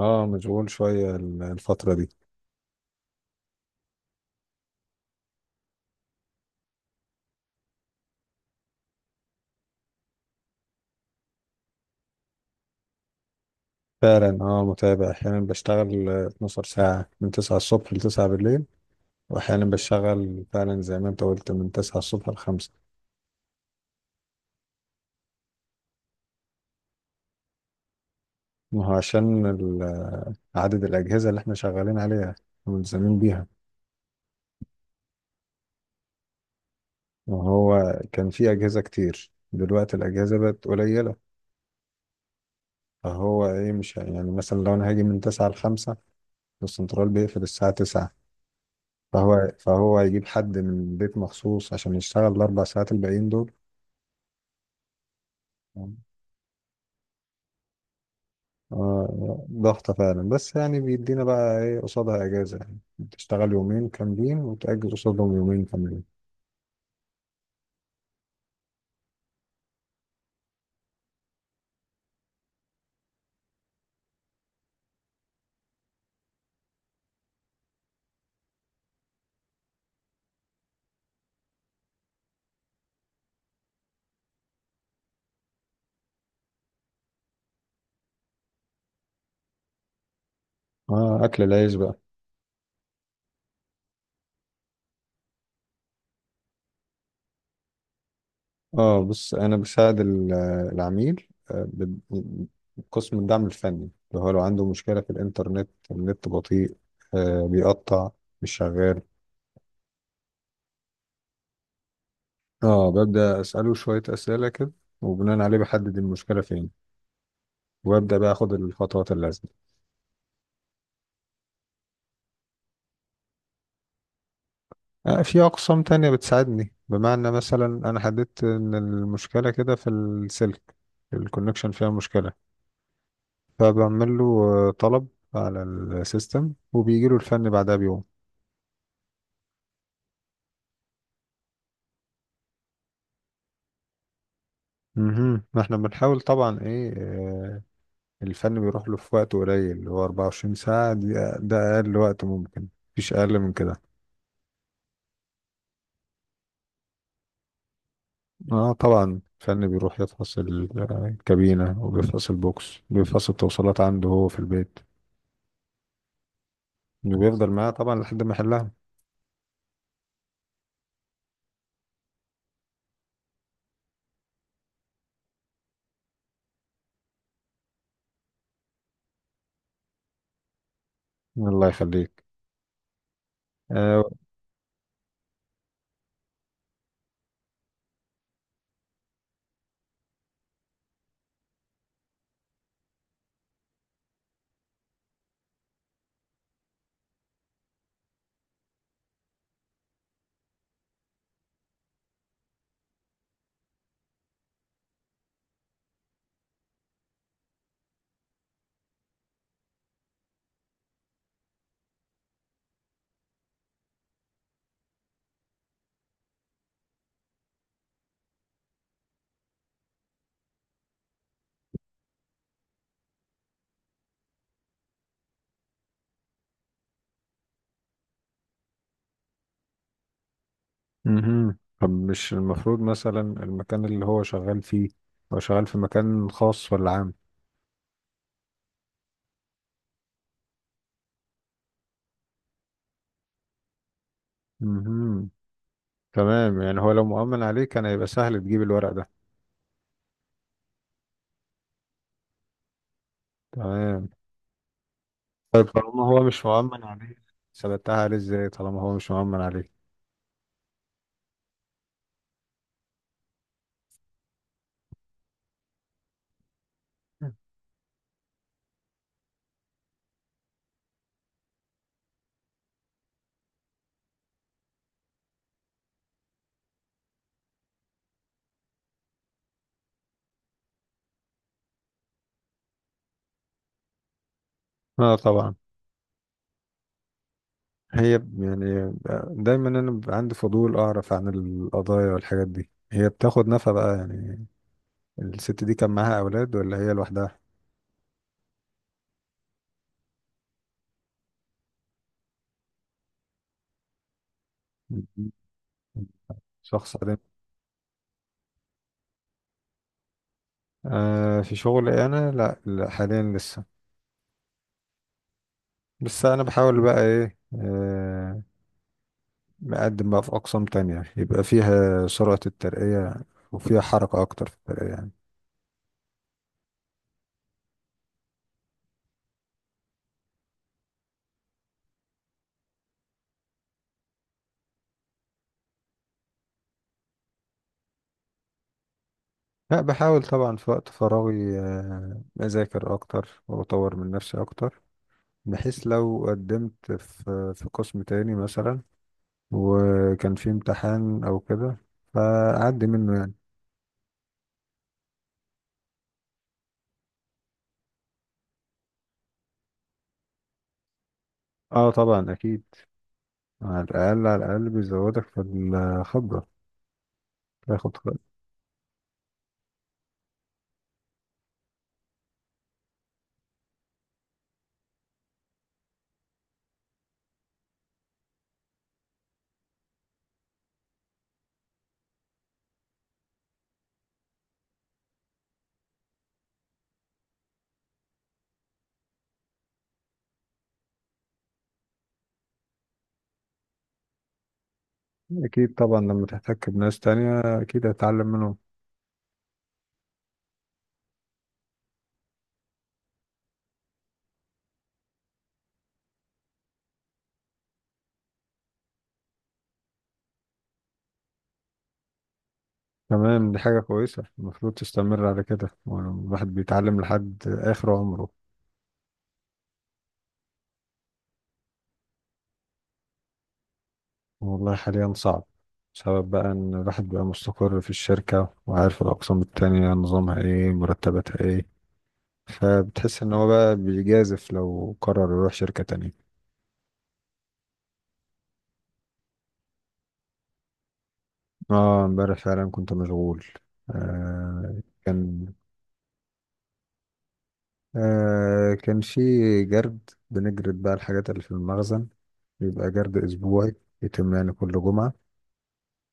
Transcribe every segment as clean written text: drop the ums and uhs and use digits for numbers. اه، مشغول شوية الفترة دي. فعلا، اه متابع. احيانا بشتغل 12 ساعة، من 9 الصبح ل 9 بالليل. واحيانا بشتغل فعلا زي ما انت قلت، من 9 الصبح ل 5. ما هو عشان عدد الأجهزة اللي احنا شغالين عليها وملزمين بيها. وهو كان في أجهزة كتير، دلوقتي الأجهزة بقت قليلة. فهو ايه، مش يعني مثلا لو انا هاجي من 9 ل 5، السنترال بيقفل الساعة 9. فهو هيجيب حد من البيت مخصوص عشان يشتغل الأربع ساعات الباقيين دول. آه، ضغطة فعلا، بس يعني بيدينا بقى ايه قصادها؟ اجازة يعني. تشتغل يومين كاملين وتأجز قصادهم يومين كاملين. اه، اكل العيش بقى. اه بص، انا بساعد العميل، بقسم الدعم الفني. اللي هو لو عنده مشكلة في الانترنت، النت بطيء، آه بيقطع، مش شغال، اه ببدأ اسأله شوية اسئلة كده، وبناء عليه بحدد المشكلة فين، وابدأ بقى اخد الخطوات اللازمة. في أقسام تانية بتساعدني. بمعنى مثلا أنا حددت إن المشكلة كده في السلك، الكونكشن فيها مشكلة، فبعمل له طلب على السيستم، وبيجي له الفني بعدها بيوم. مهم. ما احنا بنحاول طبعا ايه، الفن بيروح له في وقت قليل، اللي هو 24 ساعة دي. ده أقل وقت ممكن، مفيش أقل من كده. اه طبعا، الفن بيروح يفحص الكابينة، وبيفحص البوكس، بيفحص التوصيلات عنده هو في البيت، وبيفضل معاه طبعا لحد ما يحلها. الله يخليك. آه. مهم. طب مش المفروض مثلا المكان اللي هو شغال فيه، هو شغال في مكان خاص ولا عام؟ مهم. تمام. يعني هو لو مؤمن عليه كان هيبقى سهل تجيب الورق ده. تمام. طيب طالما هو مش مؤمن عليه، ثبتها عليه ازاي طالما هو مش مؤمن عليه؟ اه طبعا. هي يعني دايما انا بيبقى عندي فضول اعرف عن القضايا والحاجات دي. هي بتاخد نفقة بقى يعني؟ الست دي كان معاها اولاد ولا هي لوحدها؟ مهم. شخص. آه في شغل انا، لا, لا حاليا لسه. بس انا بحاول بقى ايه، مقدم بقى في اقسام تانية يبقى فيها سرعة الترقية، وفيها حركة اكتر في الترقية يعني. لا، بحاول طبعا في وقت فراغي اذاكر اكتر واطور من نفسي اكتر. بحيث لو قدمت في قسم تاني مثلا، وكان فيه امتحان او كده، فاعدي منه يعني. اه طبعا اكيد. على الاقل، على الاقل بيزودك في الخبرة. تاخد. أكيد طبعا لما تحتك بناس تانية أكيد هتتعلم منهم. تمام، دي حاجة كويسة. المفروض تستمر على كده، يعني الواحد بيتعلم لحد آخر عمره. والله حاليا صعب. بسبب بقى إن الواحد بقى مستقر في الشركة، وعارف الأقسام التانية نظامها إيه، مرتباتها إيه. فبتحس إن هو بقى بيجازف لو قرر يروح شركة تانية. آه إمبارح فعلا كنت مشغول. آه كان آه كان في جرد. بنجرد بقى الحاجات اللي في المخزن. بيبقى جرد أسبوعي، يتم يعني كل جمعة.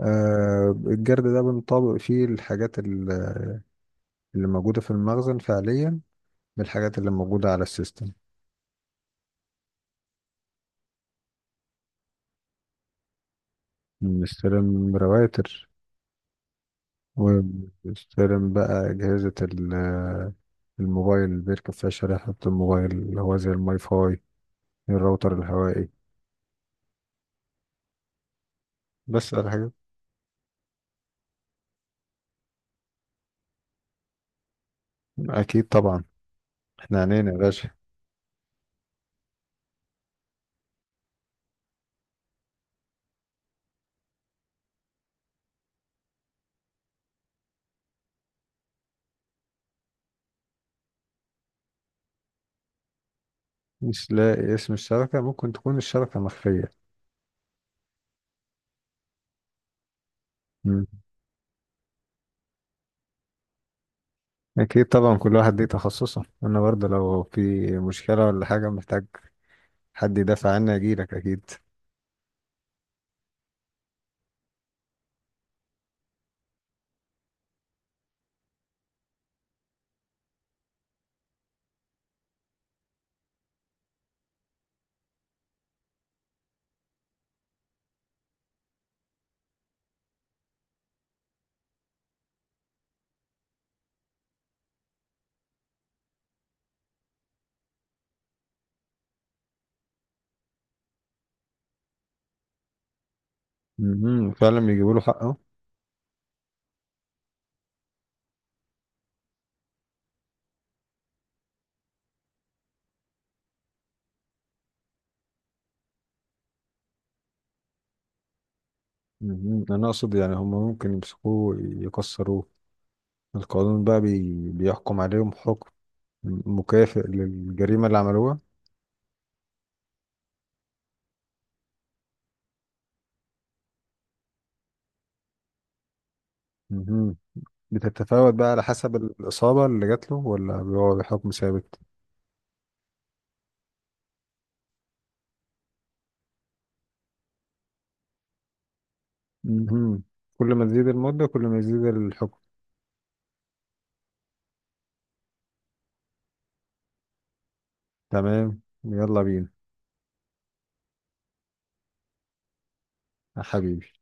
آه الجرد ده بنطابق فيه الحاجات اللي موجودة في المخزن فعليا، بالحاجات اللي موجودة على السيستم. بنستلم رواتر، وبنستلم بقى أجهزة الموبايل اللي بيركب فيها شريحة، الموبايل اللي هو زي الماي فاي، الراوتر الهوائي. بس الحاجات. أكيد طبعا، احنا عنينا يا باشا. مش لاقي اسم الشبكة؟ ممكن تكون الشبكة مخفية. مم. أكيد طبعا، كل واحد ليه تخصصه. أنا برضه لو في مشكلة ولا حاجة، محتاج حد يدافع عني أجيلك أكيد. مم. فعلا بيجيبوا له حقه. مم. أنا أقصد يعني هم ممكن يمسكوه يكسروه. القانون بقى بيحكم عليهم حكم مكافئ للجريمة اللي عملوها. مم. بتتفاوت بقى على حسب الإصابة اللي جات له، ولا بيقعد حكم ثابت؟ مم. كل ما تزيد المدة كل ما يزيد الحكم. تمام، يلا بينا. يا حبيبي.